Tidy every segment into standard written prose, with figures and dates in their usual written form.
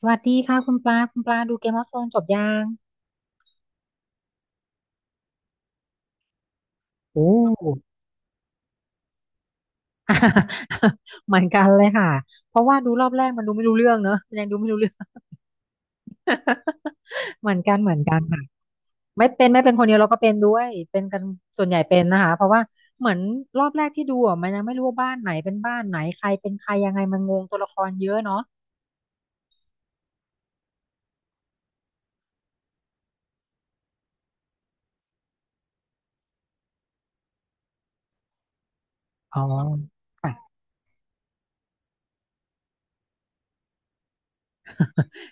สวัสดีค่ะคุณปลาคุณปลาดูเกมออฟโธรนจบยังโอ้ เหมือนกันเลยค่ะเพราะว่าดูรอบแรกมันดูไม่รู้เรื่องเนอะมันยังดูไม่รู้เรื่อง เหมือนกันค่ะไม่เป็นไม่เป็นคนเดียวเราก็เป็นด้วยเป็นกันส่วนใหญ่เป็นนะคะเพราะว่าเหมือนรอบแรกที่ดูอ่ะมันยังไม่รู้ว่าบ้านไหนเป็นบ้านไหนใครเป็นใครยังไงมันงงตัวละครเยอะเนาะอ๋อค่ะ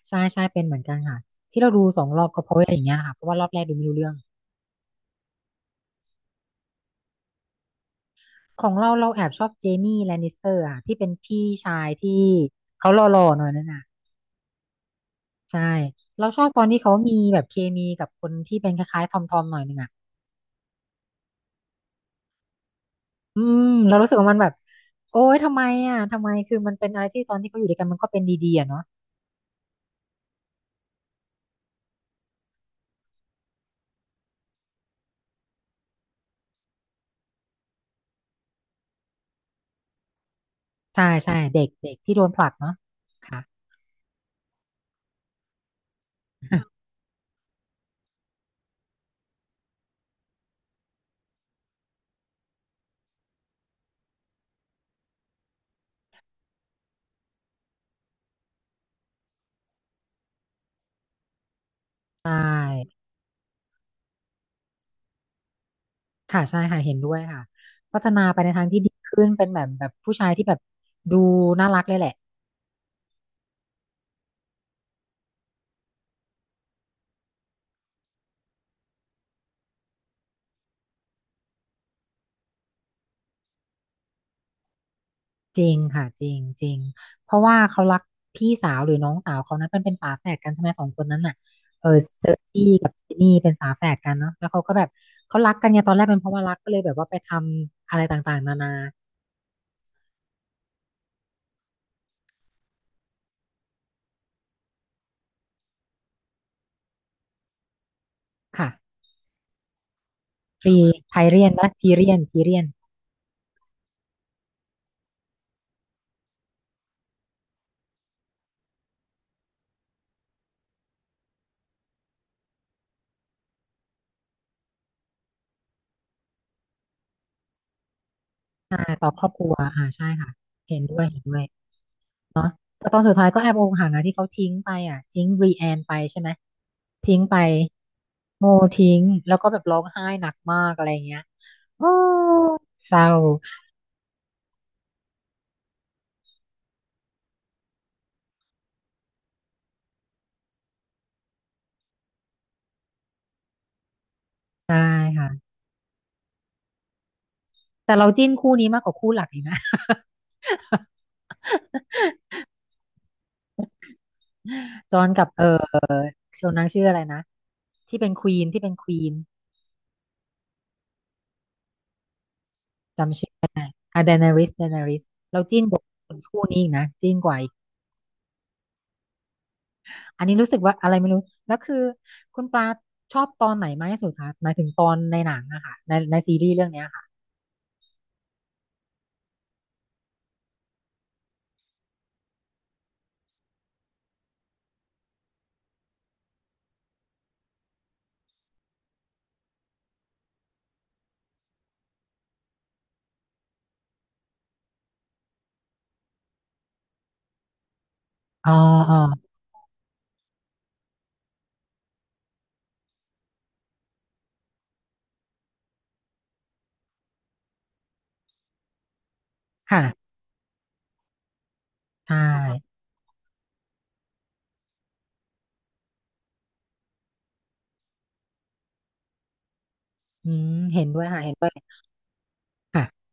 ใช่ใช่เป็นเหมือนกันค่ะที่เราดูสองรอบก็เพราะว่าอย่างเงี้ยค่ะเพราะว่ารอบแรกดูไม่รู้เรื่อง ของเราเราแอบชอบเจมี่แลนนิสเตอร์อ่ะที่เป็นพี่ชายที่เขาหล่อๆหน่อยนึงอ่ะใช่เราชอบตอนที่เขามีแบบเคมีกับคนที่เป็นคล้ายๆทอมหน่อยนึงอ่ะอืมเรารู้สึกว่ามันแบบโอ๊ยทำไมอ่ะทำไมมันเป็นอะไรที่ตอนที่เขาอยู่ด้วยกันมันก็เป็นดีๆอะเนาะใช่ใช่เด็กเด็กที่โดนผลักเนาะค่ะใช่ค่ะใช่ค่ะเห็นด้วยค่ะพัฒนาไปในทางที่ดีขึ้นเป็นแบบผู้ชายที่แบบดูน่ารักเลยแหละ จริงค่ะจริงจริงเพราะว่าเขารักพี่สาวหรือน้องสาวเขานะมันเป็นฝาแฝดกันใช่ไหมสองคนนั้นน่ะเออเซอร์ซี่กับจิมมี่เป็นฝาแฝดกันเนาะแล้วเขาก็แบบเขารักกันเนี่ยตอนแรกเป็นเพราะว่ารักก็เลยแบบว่าไปทำอะไรต่างๆนานาค่ะทรีไทเรียนและทีเรียนอ่าต่อครอบครัวอ่าใช่ค่ะเห็นด้วยเห็นด้วยแต่ตอนสุดท้ายก็แอบอกหักนะที่เขาทิ้งไปอ่ะทิ้งรีแอนไปใช่ไหมทิ้งไปโมทิ้งแล้วก็แบบร้องไห้หนักมากอะไรเงี้ยโอ้เศร้า ใช่ค่ะแต่เราจิ้นคู่นี้มากกว่าคู่หลักอีกนะ จอห์นกับเชลนางชื่ออะไรนะที่เป็นควีนที่เป็นควีนจำชื่ออะเดนาริสเราจิ้นกว่าคู่นี้อีกนะจิ้นกว่าอีกอันนี้รู้สึกว่าอะไรไม่รู้แล้วคือคุณปลาชอบตอนไหนมากที่สุดคะหมายถึงตอนในหนังอะค่ะในในซีรีส์เรื่องเนี้ยค่ะอ๋ออ๋อค่ะใช่อืมเห็นด้วยค่ะเห็นด้วยค่ะ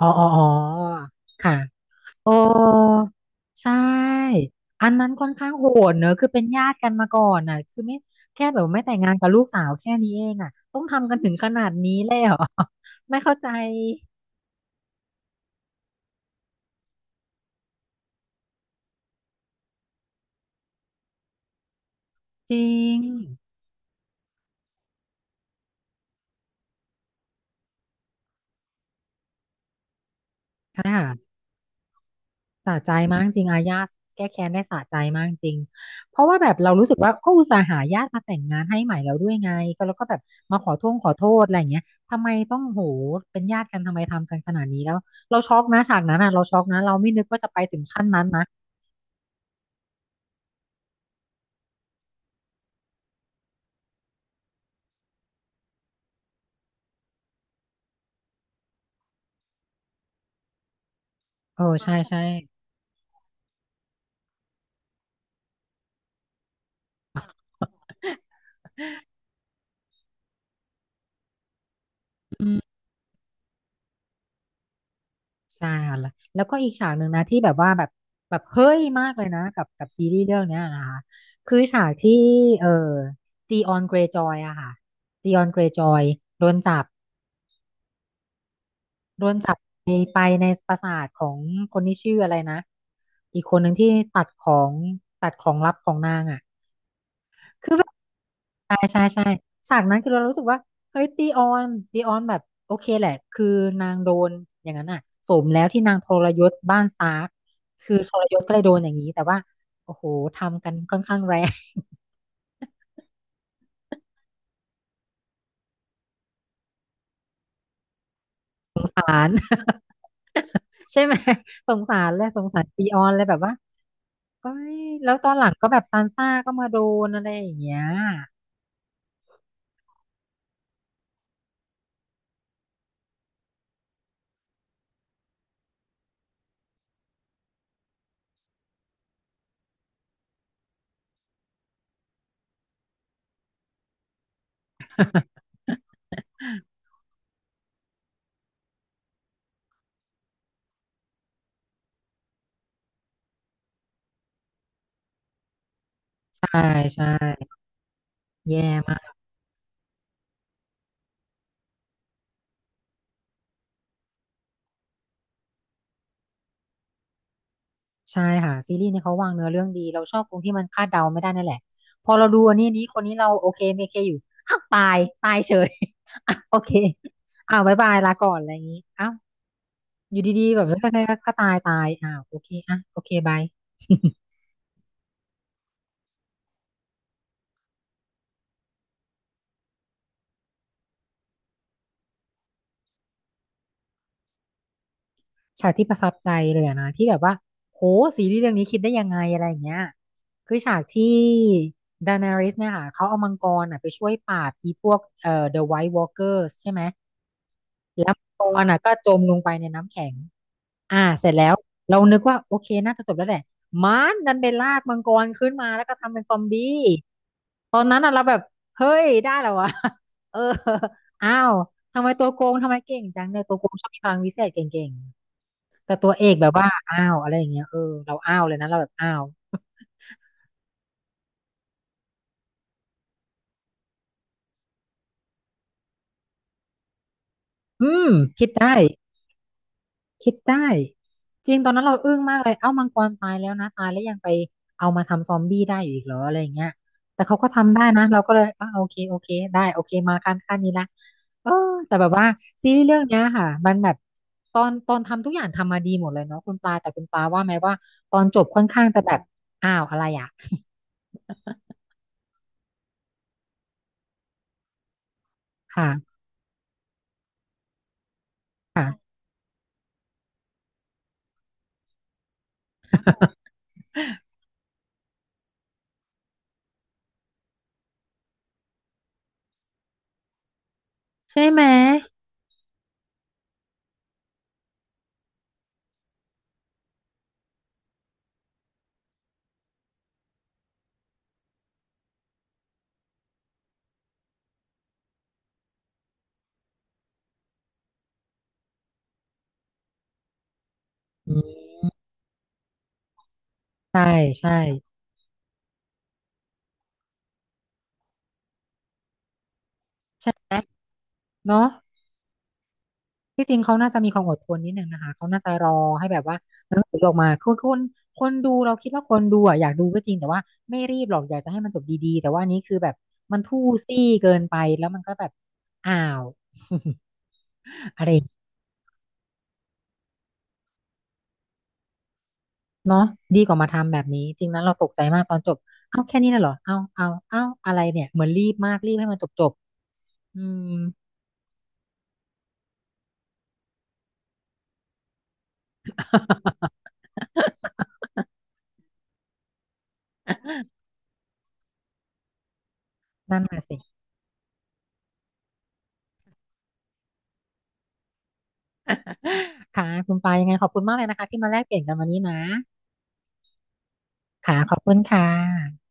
อ๋ออ๋ออ๋อค่ะ โอ้ใช่อันนั้นค่อนข้างโหดเนอะคือเป็นญาติกันมาก่อนน่ะคือไม่แค่แบบไม่แต่งงานกับลูกสาวแค่นี้เองอ่ะต้องทำกันถึงขนาดนี้เลยเหรอ ไม่เข้าใจจริงค่ะสะใจมากจริงอาญาติแก้แค้นได้สะใจมากจริงเพราะว่าแบบเรารู้สึกว่าก็อุตส่าห์หาญาติมาแต่งงานให้ใหม่แล้วด้วยไงก็แล้วก็แบบมาขอโทษอะไรอย่างเงี้ยทำไมต้องโหเป็นญาติกันทำไมทำกันขนาดนี้แล้วเราช็อกนะฉากนั้นอ่ะเราช็อกนะเราไม่นึกว่าจะไปถึงขั้นนั้นนะ โอ้ใช่ใช่อืมใช่ค่ะแล้วแล้วก็อีกฉากหนึ่งนะที่แบบว่าแบบแบบเฮ้ยมากเลยนะกับกับซีรีส์เรื่องเนี้ยนะคะคือฉากที่เอ่อตีออนเกรย์จอยอะค่ะตีออนเกรย์จอยโดนจับโดนจับไปไปในปราสาทของคนที่ชื่ออะไรนะอีกคนหนึ่งที่ตัดของตัดของลับของนางอะ ใช่ใช่ใช่ฉากนั้นคือเรารู้สึกว่าเฮ้ยตีออนแบบโอเคแหละคือนางโดนอย่างนั้นอ่ะสมแล้วที่นางทรยศบ้านสตาร์คคือทรยศก็เลยโดนอย่างนี้แต่ว่าโอ้โหทำกันค่อนข้างแรง ใช่ไหมสงสารเลยสงสารตีออนเลยแบบว่าเอ้ยแล้วตอนหลังก็แบบซานซ่าก็มาโดนอะไรอย่างเงี้ยใช่ใช่แย่ ใช่ค่ะซีรีส์เนี่ยเขาวางเนื้อเรื่องดีเราชอบตรงที่มันคาดเดาไม่ได้นั่นแหละพอเราดูอันนี้นี้คนนี้เราโอเคไม่โอเคอยู่อ้าวตายตายเฉย อ่ะโอเคอ้าวบายบายลาก่อนอะไรอย่างนี้อ้าวอยู่ดีๆแบบก็ตายตายอ้าวโอเคอ่ะโอเคบาย ฉากที่ประทับใจเลยอะนะที่แบบว่าโหซีรีส์เรื่องนี้คิดได้ยังไงอะไรอย่างเงี้ยคือฉากที่ดานาริสเนี่ยค่ะเขาเอามังกรอ่ะไปช่วยปราบอีพวกThe White Walkers ใช่ไหมแล้วมังกรอ่ะก็จมลงไปในน้ำแข็ง อ่าเสร็จแล้วเรานึกว่าโอเคน่าจะจบแล้วแหละมันดันไปลากมังกรขึ้นมาแล้วก็ทำเป็นซอมบี้ตอนนั้นอะเราแบบเฮ้ยได้แล้ววะ เอออ้าวทำไมตัวโกงทำไมเก่งจังเนี่ยตัวโกงชอบมีพลังวิเศษเก่งๆแต่ตัวเอกแบบว่าอ้าวอะไรอย่างเงี้ยเออเราอ้าวเลยนะเราแบบอ้าวอืมคิดได้ คิดได้จริงตอนนั้นเราอึ้งมากเลยเอ้ามังกรตายแล้วนะตายแล้วยังไปเอามาทำซอมบี้ได้อยู่อีกเหรออะไรอย่างเงี้ยแต่เขาก็ทำได้นะเราก็เลยอ่ะโอเคได้โอเคมาขั้นนี้ละเออแต่แบบว่าซีรีส์เรื่องเนี้ยค่ะมันแบบตอนทำทุกอย่างทำมาดีหมดเลยเนาะคุณปลาแต่คุณปลาว่าไหมว่าตอนจบค่อนข้างจะแบบอ้าวอะไรอ่ะ ค่ะค่ะใช่ไหมอืมใช่ใช่ใช่ไหมเนาะ ที่จริงเขาน่าจะมีความอดทนนิดหนึ่งนะคะเขาน่าจะรอให้แบบว่าหนังสือออกมาคือคนดูเราคิดว่าคนดูอ่ะอยากดูก็จริงแต่ว่าไม่รีบหรอกอยากจะให้มันจบดีๆแต่ว่าอันนี้คือแบบมันทู่ซี่เกินไปแล้วมันก็แบบอ้าว อะไรอย่างเงี้ยเนาะดีกว่ามาทำแบบนี้จริงนั้นเราตกใจมากตอนจบเอาแค่นี้น่ะเหรอเอาอะไรเนี่ยเหมือนรีบมากรีบให้มันจบอืม นั่นน่ะสิค่ะคุณปายังไงขอบคุณมากเลยนะคะที่มาแลกเปลี่ยนกันวันนี้นะ ค่ะขอบคุณค่ะ